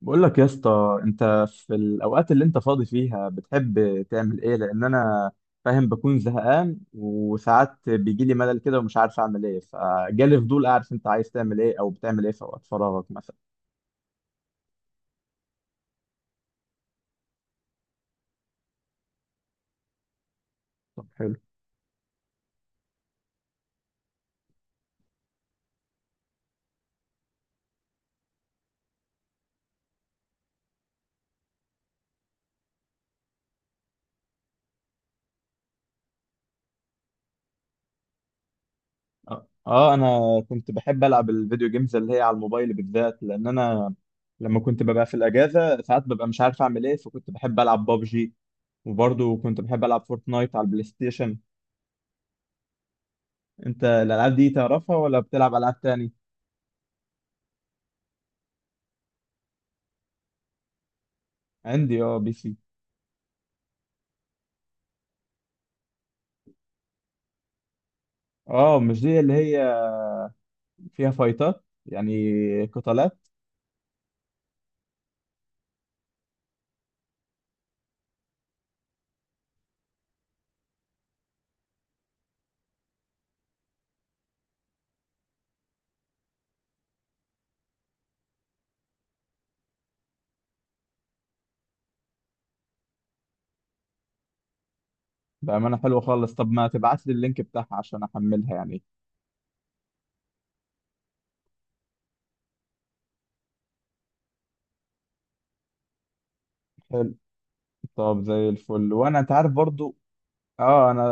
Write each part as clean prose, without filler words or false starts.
بقول لك يا اسطى، انت في الاوقات اللي انت فاضي فيها بتحب تعمل ايه؟ لان انا فاهم بكون زهقان، وساعات بيجي لي ملل كده ومش عارف اعمل ايه، فجالي فضول اعرف انت عايز تعمل ايه او بتعمل ايه في اوقات فراغك مثلا. طب حلو. اه. انا كنت بحب العب الفيديو جيمز اللي هي على الموبايل بالذات، لان انا لما كنت ببقى في الاجازه ساعات ببقى مش عارف اعمل ايه، فكنت بحب العب بابجي. وبرضه كنت بحب العب فورتنايت على البلاي ستيشن. انت الالعاب دي تعرفها ولا بتلعب العاب تاني؟ عندي بي سي. اه، مش دي اللي هي فيها فايتات يعني قتالات؟ بأمانة حلوة خالص. طب ما تبعت لي اللينك بتاعها عشان أحملها يعني. حلو. طب زي الفل. وأنا أنت عارف برضو. اه. أنا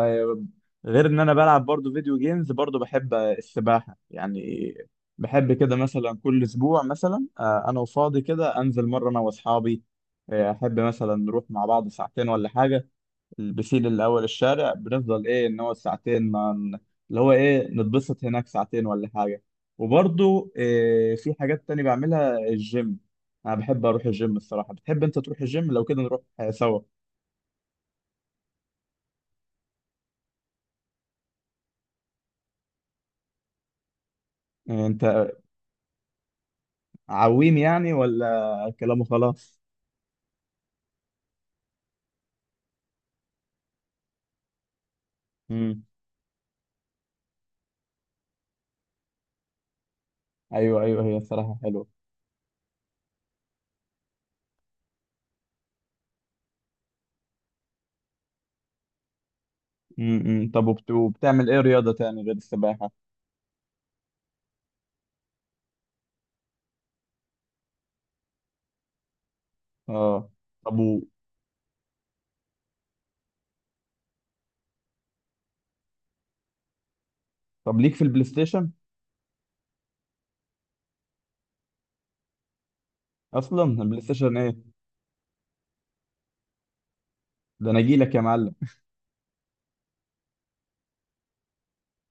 غير إن أنا بلعب برضو فيديو جيمز، برضو بحب السباحة يعني. بحب كده مثلا كل أسبوع مثلا، أنا وفاضي كده أنزل مرة أنا وأصحابي. أحب مثلا نروح مع بعض ساعتين ولا حاجة. البسيل الاول الشارع بنفضل ايه ان هو ساعتين ما ن- اللي هو ايه، نتبسط هناك ساعتين ولا حاجه. وبرضو إيه، في حاجات تانية بعملها، الجيم. انا بحب اروح الجيم الصراحه. بتحب انت تروح الجيم؟ لو كده نروح سوا. إيه انت، عويم يعني ولا كلامه خلاص؟ امم. ايوه، ايوه، هي الصراحه حلوه. امم. طب وبتعمل ايه رياضه تاني غير السباحه؟ اه. طب و... طب ليك في البلاي ستيشن؟ اصلا البلاي ستيشن ايه؟ ده انا اجي لك يا معلم.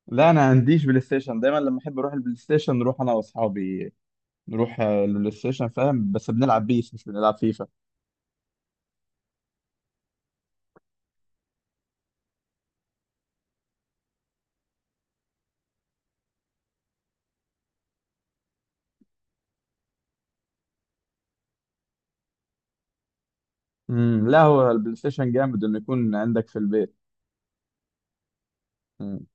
لا، انا عنديش بلاي ستيشن. دايما لما احب اروح البلاي ستيشن نروح انا واصحابي، نروح البلاي ستيشن فاهم، بس بنلعب بيس مش بنلعب فيفا. امم، لا هو البلاي ستيشن جامد انه يكون عندك في البيت. مم.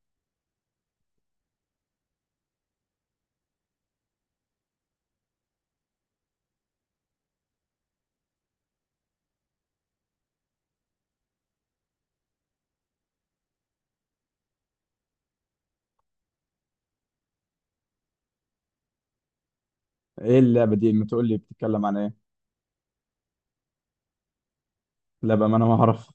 ايه اللعبه دي، ما تقول لي بتتكلم عن ايه؟ لا بقى، ما انا ما اعرف.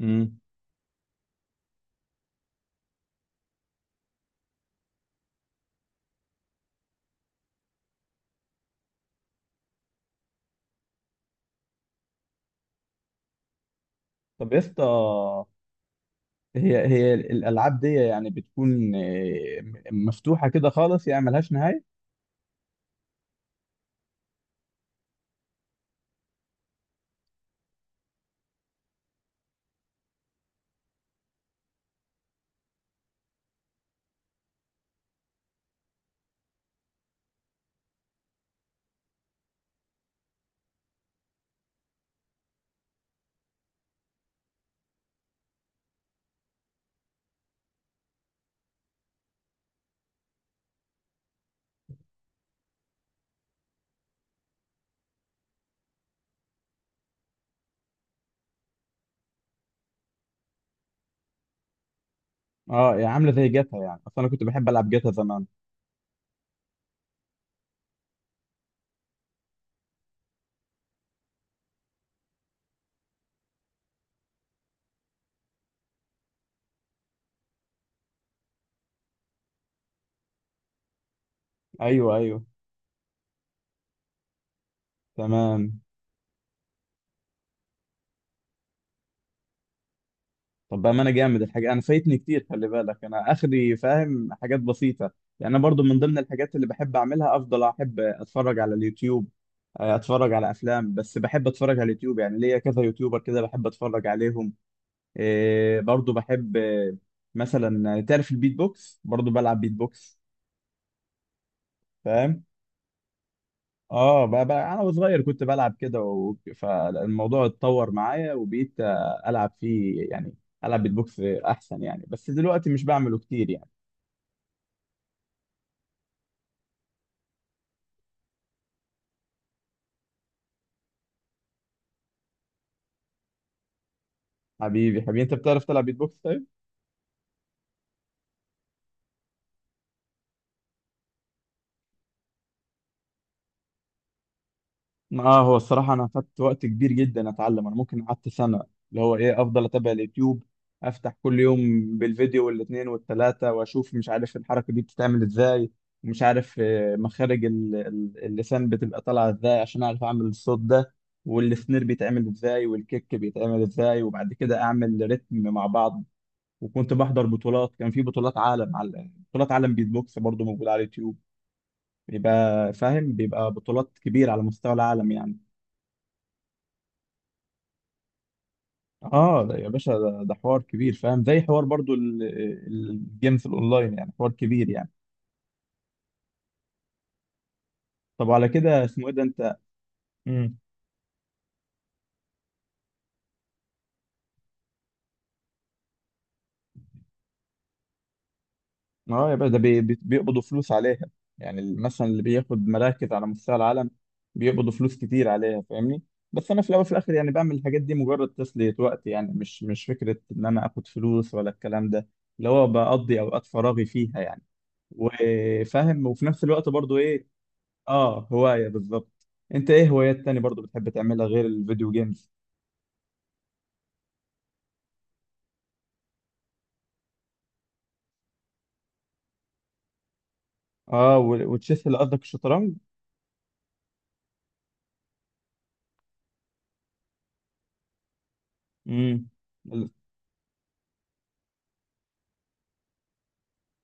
امم. طب يا اسطى، هي الالعاب دي يعني بتكون، مفتوحه كده خالص، يعني ملهاش نهايه؟ اه، يعني عامله زي جاتا يعني، اصل انا كنت بحب العب جاتا زمان. ايوه، ايوه، تمام. طب بقى، ما انا جامد الحاجه، انا فايتني كتير. خلي بالك انا اخري فاهم حاجات بسيطه. يعني انا برضو من ضمن الحاجات اللي بحب اعملها، افضل احب اتفرج على اليوتيوب. اتفرج على افلام، بس بحب اتفرج على اليوتيوب. يعني ليا كذا يوتيوبر كده بحب اتفرج عليهم. إيه برضو بحب، مثلا تعرف البيت بوكس؟ برضو بلعب بيت بوكس. فاهم. اه، بقى انا وصغير كنت بلعب كده فالموضوع اتطور معايا وبقيت العب فيه يعني. العب بيت بوكس احسن يعني، بس دلوقتي مش بعمله كتير يعني. حبيبي، حبيبي، انت بتعرف تلعب بيت بوكس طيب؟ اه، هو الصراحة انا خدت وقت كبير جدا اتعلم، انا ممكن قعدت سنة. اللي هو ايه، افضل اتابع اليوتيوب، افتح كل يوم بالفيديو والاتنين والتلاتة، واشوف مش عارف الحركة دي بتتعمل ازاي. ومش عارف مخارج اللسان بتبقى طالعة ازاي، عشان اعرف اعمل الصوت ده. والسنير بيتعمل ازاي والكيك بيتعمل ازاي، وبعد كده اعمل رتم مع بعض. وكنت بحضر بطولات، كان في بطولات عالم، على بطولات عالم بيت بوكس برضه موجودة على اليوتيوب. بيبقى فاهم، بيبقى بطولات كبيرة على مستوى العالم يعني. اه ده يا باشا ده حوار كبير فاهم، زي حوار برضو الجيمز الاونلاين يعني، حوار كبير يعني. طب على كده اسمه ايه ده انت؟ امم. اه يا باشا، ده بيقبضوا فلوس عليها. يعني مثلا اللي بياخد مراكز على مستوى العالم، بيقبضوا فلوس كتير عليها فاهمني. بس انا في الاول وفي الاخر يعني بعمل الحاجات دي مجرد تسلية وقت، يعني مش فكرة ان انا اخد فلوس ولا الكلام ده. اللي هو بقضي اوقات فراغي فيها يعني. وفاهم، وفي نفس الوقت برضو ايه. اه، هواية بالظبط. انت ايه هوايات تاني برضو بتحب تعملها غير الفيديو جيمز؟ اه، وتشيس اللي قصدك الشطرنج؟ امم.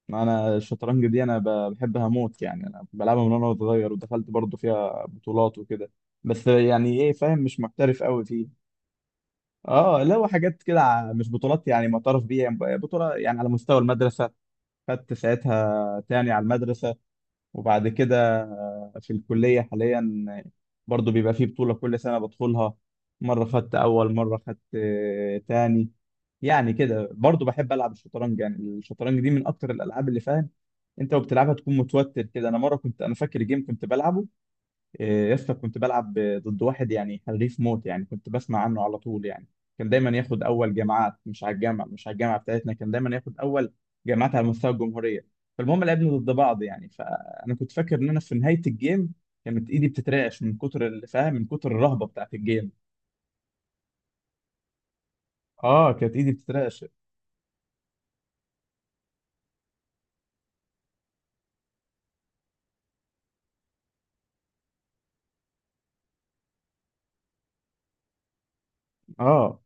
ما انا الشطرنج دي انا بحبها موت يعني، انا بلعبها من وانا صغير، ودخلت برضو فيها بطولات وكده. بس يعني ايه فاهم، مش محترف قوي فيه. اه، لا هو حاجات كده، مش بطولات يعني معترف بيها، يعني بطولة يعني على مستوى المدرسة. خدت ساعتها تاني على المدرسة. وبعد كده في الكلية حاليا، برضو بيبقى فيه بطولة كل سنة بدخلها. مرة خدت أول، مرة خدت تاني. يعني كده برضو بحب ألعب الشطرنج، يعني الشطرنج دي من أكتر الألعاب اللي فاهم. أنت وبتلعبها تكون متوتر كده. أنا مرة كنت أنا فاكر جيم كنت بلعبه. إيه، يا اسطى، كنت بلعب ضد واحد يعني حريف موت يعني، كنت بسمع عنه على طول يعني. كان دايما ياخد اول جامعات، مش على الجامعه، مش على الجامعه بتاعتنا، كان دايما ياخد اول جامعات على مستوى الجمهوريه. فالمهم لعبنا ضد بعض يعني، فانا كنت فاكر ان انا في نهايه الجيم. كانت ايدي بتترعش من كتر اللي فاهم، من كتر الرهبه بتاعت الجيم. اه، كانت ايدي بتترعش. اه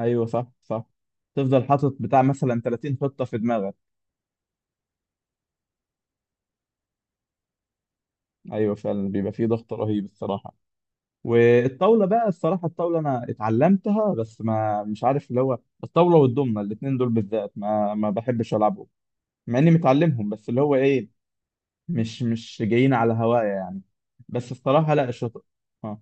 ايوه، صح، صح. تفضل حاطط بتاع مثلا 30 خطه في دماغك. ايوه، فعلا بيبقى فيه ضغط رهيب الصراحه. والطاوله بقى الصراحه، الطاوله انا اتعلمتها، بس ما مش عارف اللي هو. الطاوله والضمنه الاثنين دول بالذات ما ما بحبش العبهم. مع اني متعلمهم، بس اللي هو ايه، مش جايين على هوايا يعني. بس الصراحه، لا، اه،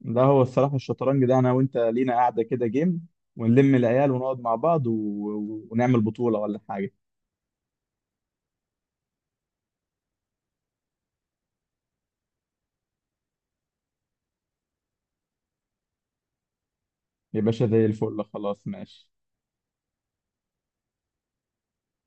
ده هو الصراحه الشطرنج ده انا وانت لينا قاعده كده جيم. ونلم العيال ونقعد مع بعض، ونعمل بطوله ولا حاجه. يا باشا زي الفل، خلاص، ماشي.